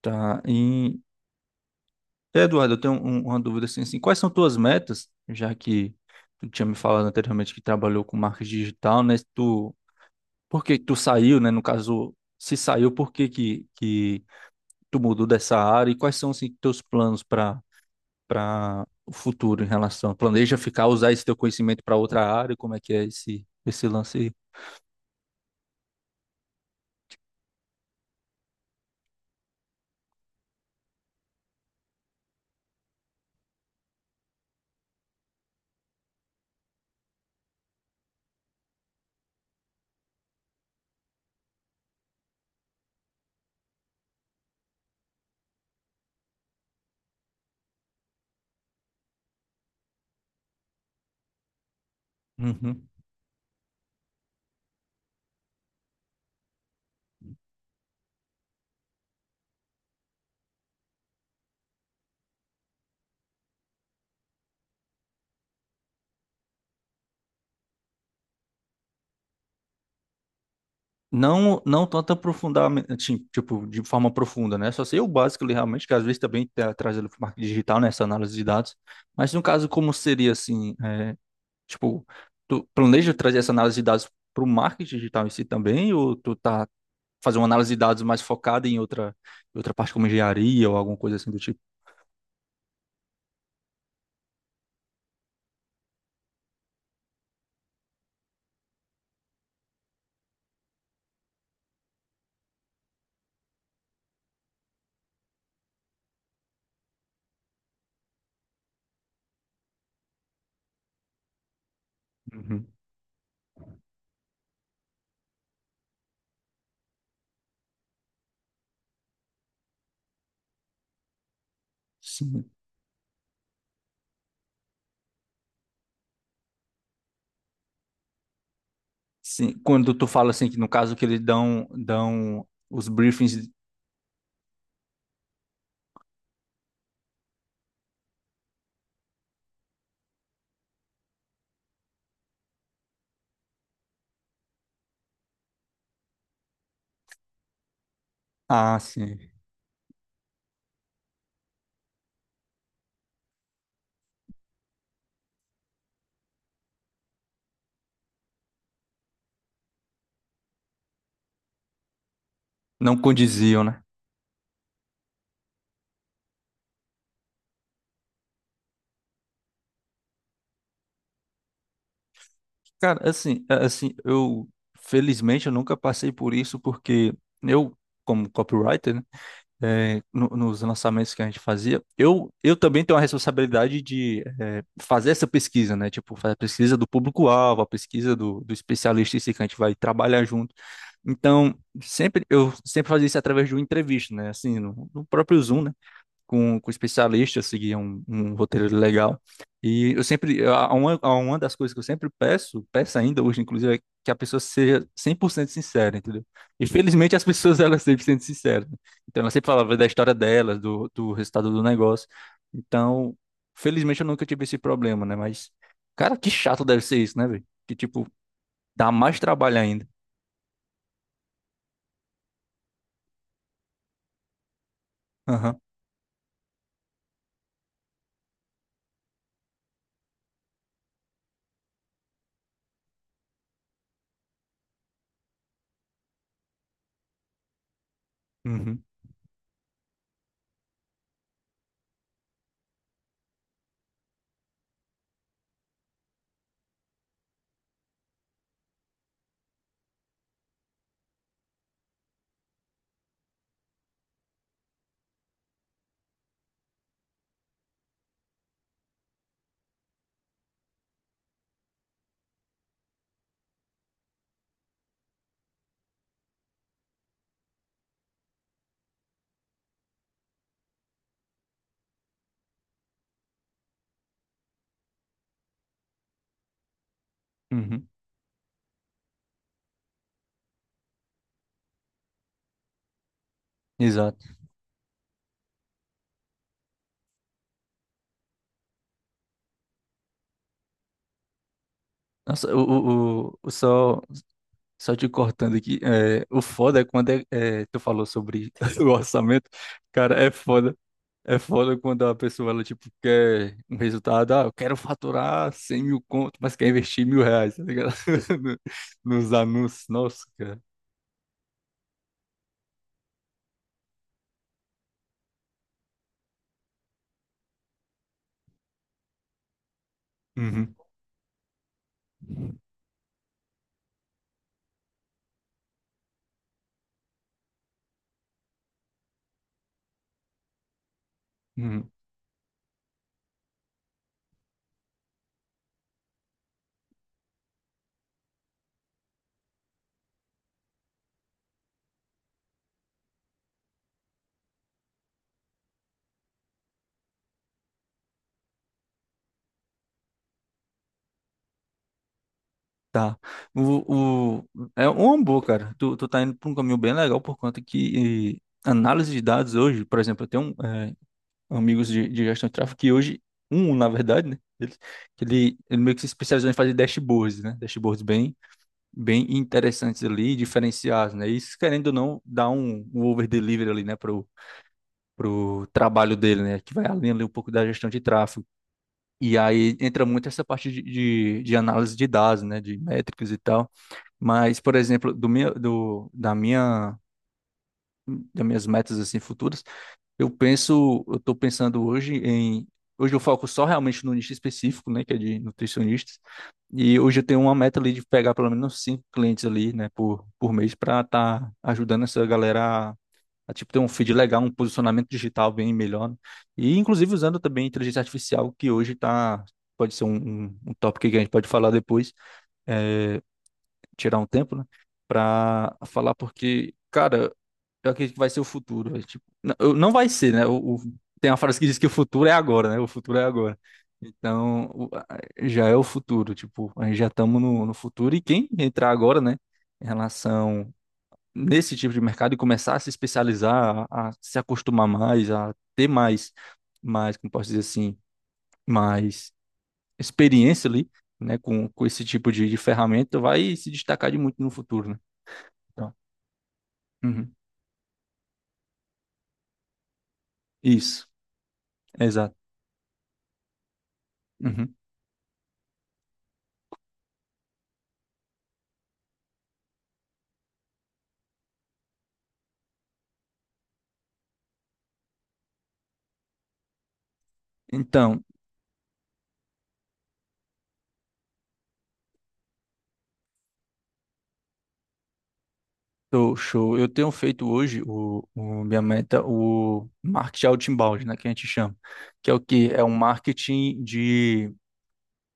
Tá. E, Eduardo, eu tenho uma dúvida assim, quais são tuas metas, já que tu tinha me falado anteriormente que trabalhou com marketing digital, né? Tu, por que que tu saiu, né? No caso, se saiu, por que que tu mudou dessa área e quais são assim, teus planos para o futuro em relação? Planeja ficar, usar esse teu conhecimento para outra área? Como é que é esse lance aí? Uhum. Não, não tanto aprofundamento, assim, tipo, de forma profunda, né? Só sei o básico ali realmente, que às vezes também tá trazendo para o marketing digital, né? Essa análise de dados. Mas no caso, como seria assim, tipo, tu planeja trazer essa análise de dados para o marketing digital em si também, ou tu tá fazendo uma análise de dados mais focada em outra parte como engenharia ou alguma coisa assim do tipo? Uhum. Sim. Sim. Quando tu fala assim, que no caso que eles dão os briefings, ah, sim, não condiziam, né? Cara, assim, eu felizmente eu nunca passei por isso porque eu, como copywriter, né, nos lançamentos que a gente fazia, eu também tenho a responsabilidade de fazer essa pesquisa, né? Tipo, fazer a pesquisa do público-alvo, a pesquisa do, do especialista em si que a gente vai trabalhar junto. Então, sempre eu sempre fazia isso através de uma entrevista, né? Assim, no, no próprio Zoom, né? Com especialistas, seguir um, um roteiro legal. E eu sempre, a uma das coisas que eu sempre peço ainda hoje, inclusive, é que a pessoa seja 100% sincera, entendeu? E felizmente as pessoas, elas sempre sendo sinceras. Né? Então, ela sempre falava da história delas, do, do resultado do negócio. Então, felizmente eu nunca tive esse problema, né? Mas, cara, que chato deve ser isso, né, velho? Que, tipo, dá mais trabalho ainda. Aham. Uhum. Uhum. Exato. Nossa, o- só Só te cortando aqui, o foda é quando tu falou sobre o orçamento, cara, é foda. É foda quando a pessoa, ela, tipo, quer um resultado, ah, eu quero faturar 100 mil conto, mas quer investir mil reais, tá ligado? No- Nos anúncios, nossa, cara. Uhum. Uhum. Tá. O, é uma boa, cara. Tu tá indo por um caminho bem legal por conta que análise de dados hoje, por exemplo, eu tenho amigos de gestão de tráfego, que hoje, um, na verdade, né? Ele, que ele meio que se especializou em fazer dashboards, né? Dashboards bem, bem interessantes ali, diferenciados, né? Isso, querendo ou não, dá um, um over-delivery ali, né? Pro, pro trabalho dele, né? Que vai além ali um pouco da gestão de tráfego. E aí entra muito essa parte de, de análise de dados, né? De métricas e tal. Mas, por exemplo, do meu, do, da minha das minhas metas assim futuras. Eu penso, eu estou pensando hoje em. Hoje eu foco só realmente no nicho específico, né, que é de nutricionistas. E hoje eu tenho uma meta ali de pegar pelo menos 5 clientes ali, né, por mês, para estar tá ajudando essa galera a, tipo, ter um feed legal, um posicionamento digital bem melhor. Né? E inclusive usando também inteligência artificial, que hoje tá, pode ser um, um, um tópico que a gente pode falar depois, é, tirar um tempo, né, para falar, porque, cara, eu acredito que vai ser o futuro. Velho. Tipo, não, não vai ser, né? O- tem uma frase que diz que o futuro é agora, né? O futuro é agora. Então, já é o futuro. Tipo, a gente já estamos no, no futuro. E quem entrar agora, né? Em relação nesse tipo de mercado e começar a se especializar, a se acostumar mais, a ter mais, mais, como posso dizer assim, mais experiência ali, né? Com esse tipo de ferramenta, vai se destacar de muito no futuro, né? Então, uhum. Isso, exato. Uhum. Então. Show, show. Eu tenho feito hoje minha meta, o marketing outbound, né, que a gente chama, que é o que é um marketing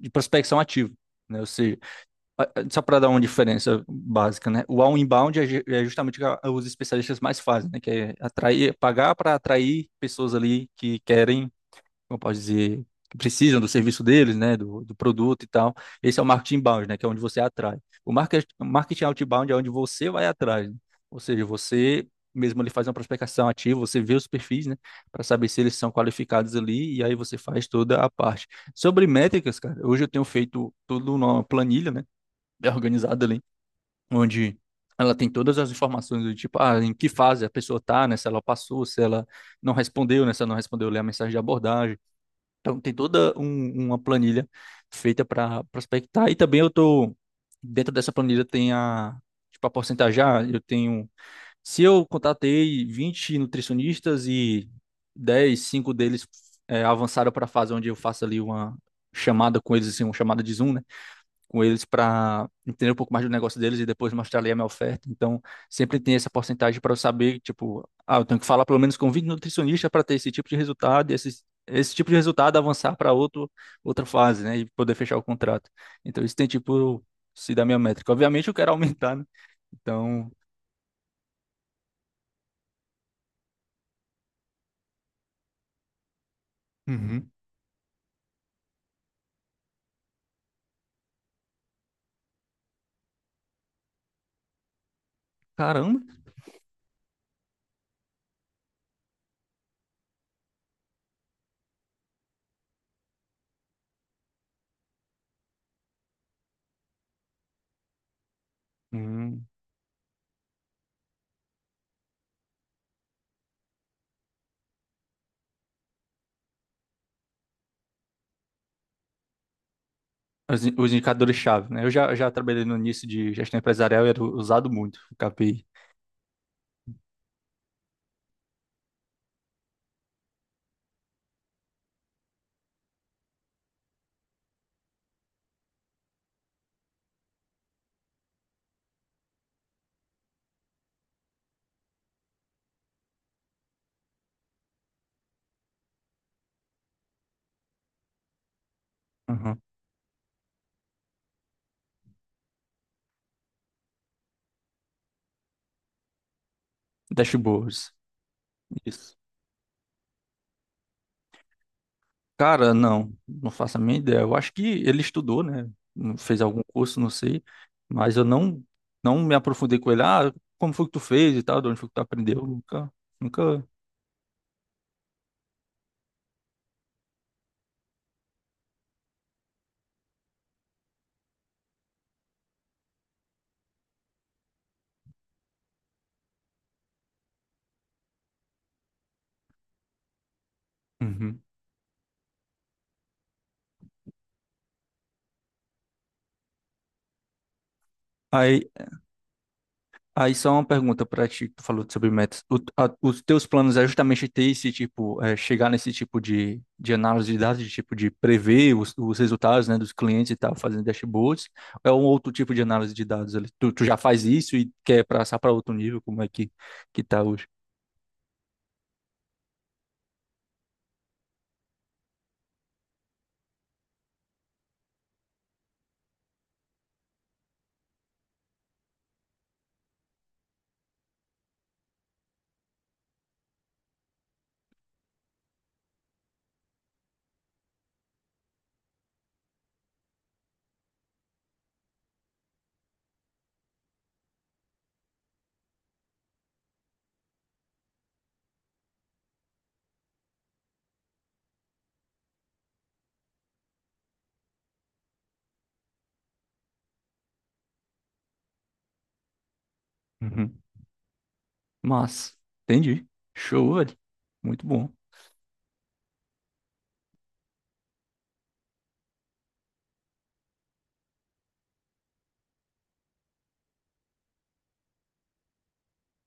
de prospecção ativa, né? Ou seja, só para dar uma diferença básica, né? O outbound é, é justamente o que os especialistas mais fazem, né? Que é atrair, pagar para atrair pessoas ali que querem como eu posso dizer, que precisam do serviço deles, né, do, do produto e tal. Esse é o marketing inbound, né, que é onde você atrai. O marketing outbound é onde você vai atrás, né? Ou seja, você mesmo ali faz uma prospecção ativa, você vê os perfis, né, para saber se eles são qualificados ali e aí você faz toda a parte. Sobre métricas, cara, hoje eu tenho feito tudo numa planilha, né, bem organizada ali, onde ela tem todas as informações do tipo, ah, em que fase a pessoa tá, né? Se ela passou, se ela não respondeu, né? Se ela não respondeu, lê a mensagem de abordagem, então, tem toda uma planilha feita para prospectar. E também eu tô dentro dessa planilha tem a tipo a porcentajar, eu tenho se eu contatei 20 nutricionistas e 10, 5 deles avançaram para a fase onde eu faço ali uma chamada com eles assim, uma chamada de Zoom, né? Com eles para entender um pouco mais do negócio deles e depois mostrar ali a minha oferta. Então, sempre tem essa porcentagem para eu saber, tipo, ah, eu tenho que falar pelo menos com 20 nutricionistas para ter esse tipo de resultado, e esse tipo de resultado avançar para outro outra fase, né, e poder fechar o contrato. Então, isso tem tipo se da minha métrica. Obviamente eu quero aumentar, né? Então, uhum. Caramba. Hum. Os indicadores-chave, né? Eu já trabalhei no início de gestão empresarial e era usado muito o KPI. Uhum. Dashboards. Isso. Cara, não, não faço a minha ideia. Eu acho que ele estudou, né? Fez algum curso, não sei, mas eu não não me aprofundei com ele. Ah, como foi que tu fez e tal, de onde foi que tu aprendeu? Nunca. Uhum. Aí Aí só uma pergunta pra ti, que tu falou sobre metas. Os teus planos é justamente ter esse tipo, é, chegar nesse tipo de análise de dados, de tipo de prever os resultados, né, dos clientes e tal, fazendo dashboards, ou é um outro tipo de análise de dados ali? Tu já faz isso e quer passar para outro nível, como é que tá hoje? Uhum. Mas, entendi. Show, velho. Muito bom.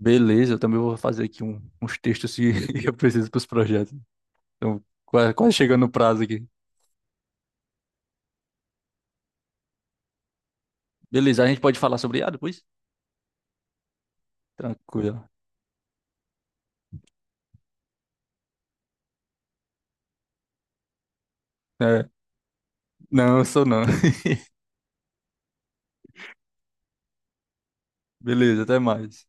Beleza, eu também vou fazer aqui uns textos que eu preciso para os projetos. Então, quase chegando no prazo aqui. Beleza, a gente pode falar sobre IA depois? Tranquilo. É, não, eu sou não. Beleza, até mais.